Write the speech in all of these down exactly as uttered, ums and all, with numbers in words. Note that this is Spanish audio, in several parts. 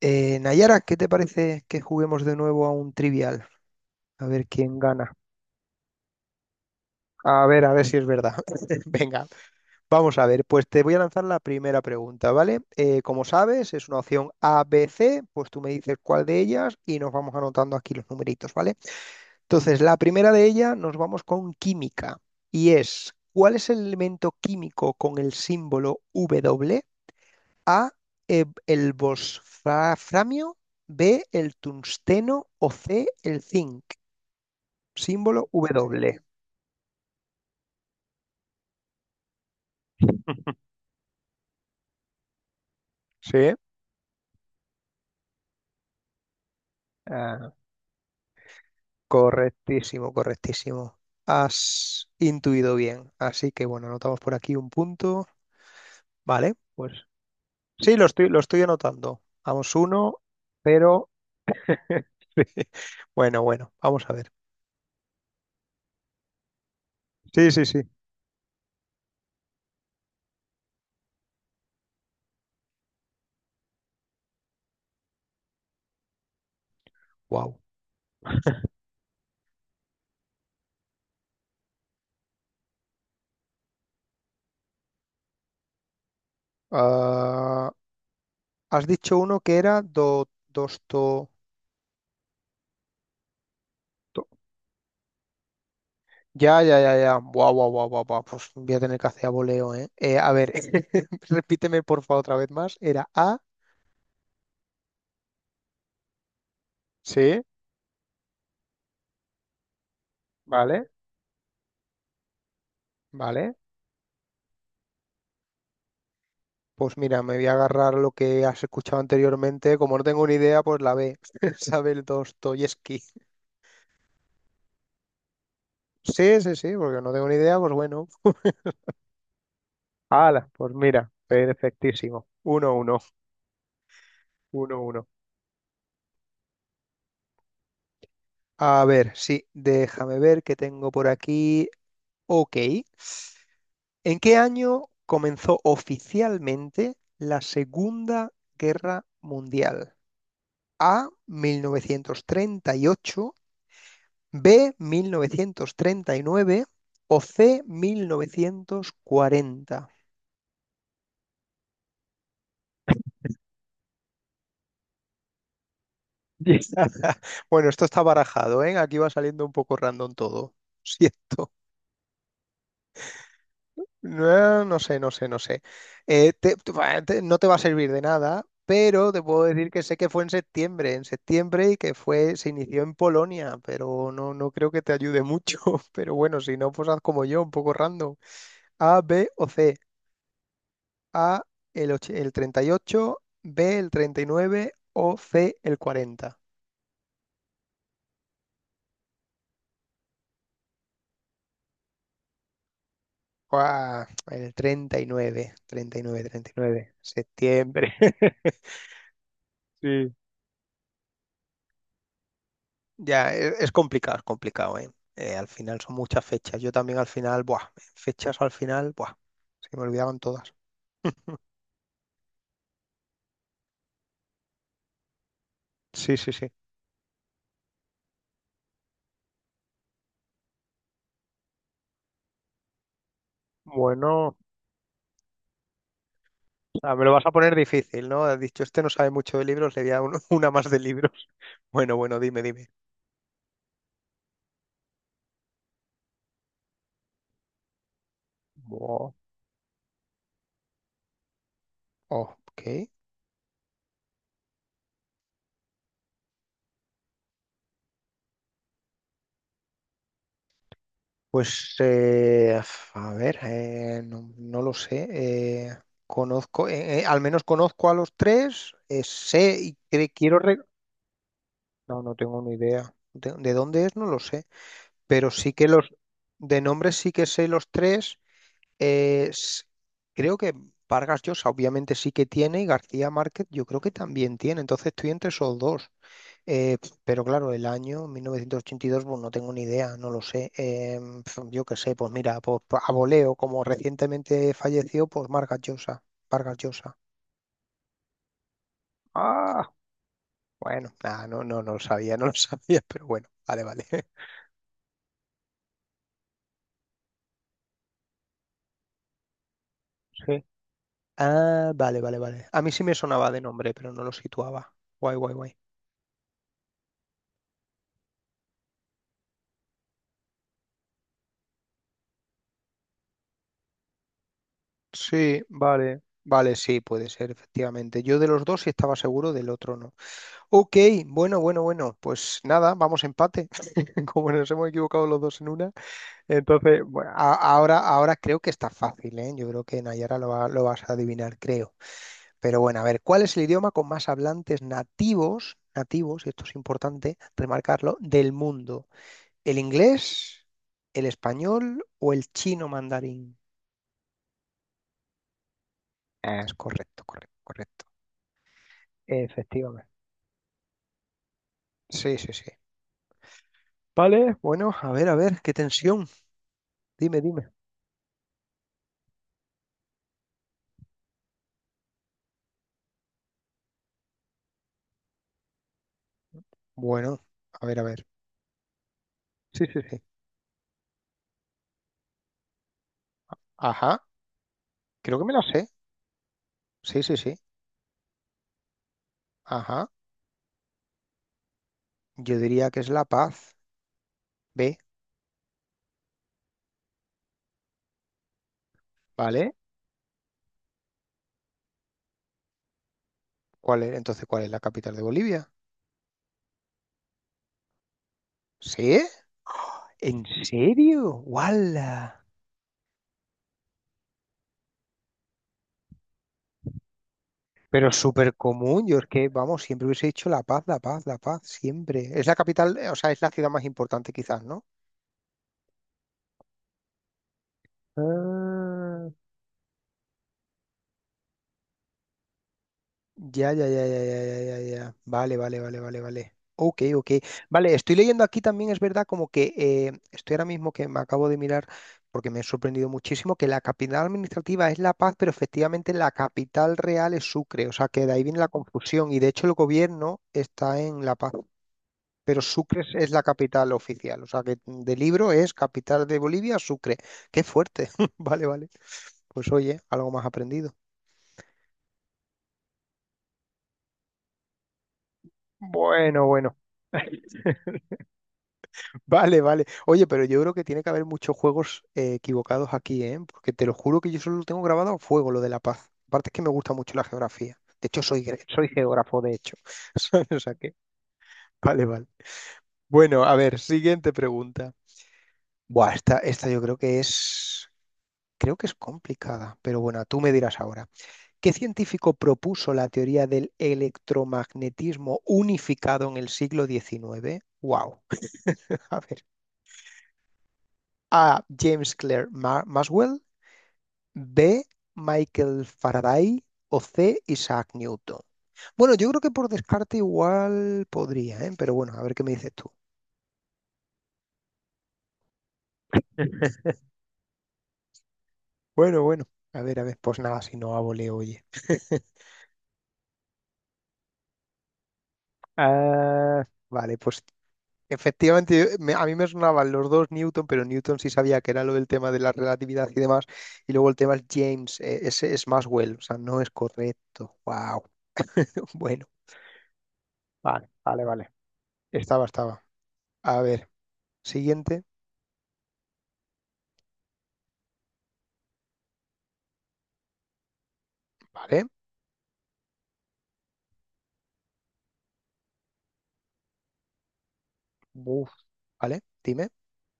Eh, Nayara, ¿qué te parece que juguemos de nuevo a un trivial? A ver quién gana. A ver, a ver si es verdad. Venga, vamos a ver. Pues te voy a lanzar la primera pregunta, ¿vale? Eh, como sabes, es una opción A, B, C. Pues tú me dices cuál de ellas y nos vamos anotando aquí los numeritos, ¿vale? Entonces, la primera de ellas nos vamos con química y es, ¿cuál es el elemento químico con el símbolo W? A, eh, el wolframio, B, el tungsteno o C, el zinc. Símbolo W. Sí. Ah, correctísimo, correctísimo. Has intuido bien. Así que bueno, anotamos por aquí un punto. Vale, pues sí, lo estoy, lo estoy anotando. Vamos uno, pero Bueno, bueno, vamos a ver. Sí, sí, sí. Wow. has dicho uno que era do, dosto. Ya, ya, ya, ya. Guau, guau, guau, guau, guau. Pues voy a tener que hacer a voleo, ¿eh? Eh, a ver, repíteme por favor otra vez más. Era A. Sí, vale, vale. Pues mira, me voy a agarrar lo que has escuchado anteriormente. Como no tengo ni idea, pues la B. Isabel Dostoyevsky. Sí, sí, sí, porque no tengo ni idea, pues bueno. Hala, pues mira, perfectísimo. Uno, uno, uno, uno. A ver, sí, déjame ver qué tengo por aquí. Ok. ¿En qué año comenzó oficialmente la Segunda Guerra Mundial? ¿mil novecientos treinta y ocho, B, mil novecientos treinta y nueve o C, mil novecientos cuarenta? Bueno, esto está barajado, ¿eh? Aquí va saliendo un poco random todo. Siento. No, no sé, no sé, no sé. Eh, te- te- va- te- no te va a servir de nada, pero te puedo decir que sé que fue en septiembre, en septiembre y que fue, se inició en Polonia, pero no, no creo que te ayude mucho. Pero bueno, si no, pues haz como yo, un poco random. A, B o C. A, el, och- el treinta y ocho, B, el treinta y nueve o C, el cuarenta. Guau, el treinta treinta y y nueve treinta y nueve treinta y nueve septiembre. Sí. Ya, e- es complicado, es complicado, ¿eh? Eh, Al final son muchas fechas. Yo también al final, buah, fechas al final, buah, se me olvidaban todas. Sí, sí, sí. Bueno, ah, me lo vas a poner difícil, ¿no? Has dicho, este no sabe mucho de libros, le voy a dar un- una más de libros. Bueno, bueno, dime, dime. Buah, ok. Pues, eh, a ver, eh, no, no lo sé. Eh, conozco, eh, eh, al menos conozco a los tres, eh, sé y cre- quiero... re- no, no tengo ni idea. ¿De, de dónde es? No lo sé. Pero sí que los de nombres sí que sé los tres. eh, s- Creo que Vargas Llosa obviamente sí que tiene y García Márquez yo creo que también tiene. Entonces estoy entre esos dos. Eh, pero claro, el año mil novecientos ochenta y dos, pues no tengo ni idea, no lo sé. Eh, pf, yo qué sé, pues mira, pues pa- a voleo, como recientemente falleció, pues Vargas Llosa, Vargas Llosa. Ah, bueno, nada, no, no, no lo sabía, no lo sabía, pero bueno, vale, vale. Ah, vale, vale, vale. A mí sí me sonaba de nombre, pero no lo situaba. Guay, guay, guay. Sí, vale. Vale, sí, puede ser, efectivamente. Yo de los dos sí estaba seguro, del otro no. Ok, bueno, bueno, bueno. Pues nada, vamos empate. Como nos hemos equivocado los dos en una. Entonces, bueno, a- ahora, ahora creo que está fácil, ¿eh? Yo creo que Nayara lo va- lo vas a adivinar, creo. Pero bueno, a ver, ¿cuál es el idioma con más hablantes nativos, nativos, y esto es importante remarcarlo, del mundo? ¿El inglés, el español o el chino mandarín? Es correcto, correcto, correcto. Efectivamente. Sí, sí, sí. Vale, bueno, a ver, a ver, qué tensión. Dime, dime. Bueno, a ver, a ver. Sí, sí, sí. Ajá, creo que me la sé. Sí, sí, sí. Ajá. Yo diría que es La Paz. B, ¿vale? ¿Cuál es, entonces, cuál es la capital de Bolivia? ¿Sí? ¿En serio? ¡Guau! Pero súper común, yo es que, vamos, siempre hubiese dicho La Paz, La Paz, La Paz, siempre. Es la capital, eh, o sea, es la ciudad más importante quizás, ¿no? Ah, ya, ya, ya, ya, ya, ya, ya, ya. Vale, vale, vale, vale, vale. Ok, ok. Vale, estoy leyendo aquí también, es verdad, como que eh, estoy ahora mismo que me acabo de mirar, porque me he sorprendido muchísimo, que la capital administrativa es La Paz, pero efectivamente la capital real es Sucre, o sea que de ahí viene la confusión y de hecho el gobierno está en La Paz. Pero Sucre es la capital oficial. O sea que de libro es capital de Bolivia, Sucre. Qué fuerte. Vale, vale. Pues oye, algo más aprendido. Bueno, bueno. Vale, vale. Oye, pero yo creo que tiene que haber muchos juegos eh, equivocados aquí, ¿eh? Porque te lo juro que yo solo lo tengo grabado a fuego, lo de La Paz. Aparte es que me gusta mucho la geografía. De hecho, soy, gre- soy geógrafo, de hecho. O sea que... Vale, vale. Bueno, a ver, siguiente pregunta. Buah, esta, esta yo creo que es... Creo que es complicada, pero bueno, tú me dirás ahora. ¿Qué científico propuso la teoría del electromagnetismo unificado en el siglo diecinueve? Wow. A ver. A. James Clerk Ma- Maxwell. B. Michael Faraday. O C. Isaac Newton. Bueno, yo creo que por descarte igual podría, ¿eh? Pero bueno, a ver qué me dices tú. Bueno, bueno. A ver, a ver. Pues nada, si no hago, le oye. Ah, vale, pues efectivamente, yo- me- a mí me sonaban los dos Newton, pero Newton sí sabía que era lo del tema de la relatividad y demás. Y luego el tema es James, eh, ese es Maxwell, o sea, no es correcto. Wow. Bueno, vale, vale, vale. estaba, estaba. A ver, siguiente, ¿vale? Uf, ¿vale? Dime.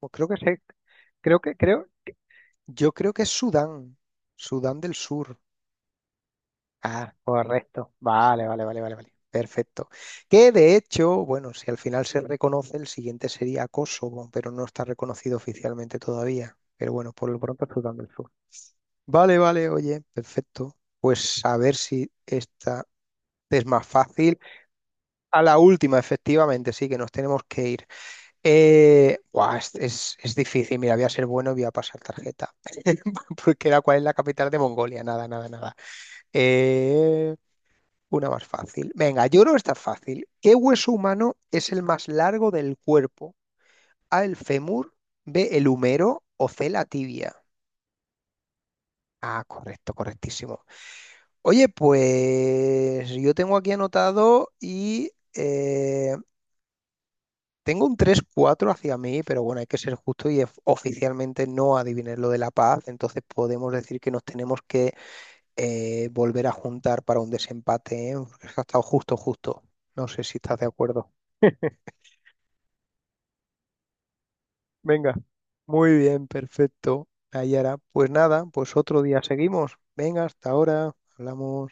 Pues creo que sé, creo que, creo, Yo creo que es Sudán, Sudán del Sur. Ah, correcto. Vale, vale, vale, vale, vale. Perfecto. Que de hecho, bueno, si al final se reconoce, el siguiente sería Kosovo, pero no está reconocido oficialmente todavía. Pero bueno, por lo pronto es Sudán del Sur. Vale, vale, oye, perfecto. Pues a ver si esta es más fácil. A la última, efectivamente, sí, que nos tenemos que ir. Eh, buah, es, es- es difícil. Mira, voy a ser bueno y voy a pasar tarjeta. Porque era cuál es la capital de Mongolia. Nada, nada, nada. Eh, una más fácil. Venga, yo creo que está fácil. ¿Qué hueso humano es el más largo del cuerpo? A, el fémur, B, el húmero o C, la tibia. Ah, correcto, correctísimo. Oye, pues yo tengo aquí anotado y eh, tengo un tres cuatro hacia mí, pero bueno, hay que ser justo y of- oficialmente no adiviné lo de La Paz, entonces podemos decir que nos tenemos que eh, volver a juntar para un desempate, ¿eh? Porque es que ha estado justo, justo. No sé si estás de acuerdo. Venga, muy bien, perfecto, Nayara. Pues nada, pues otro día seguimos. Venga, hasta ahora, hablamos.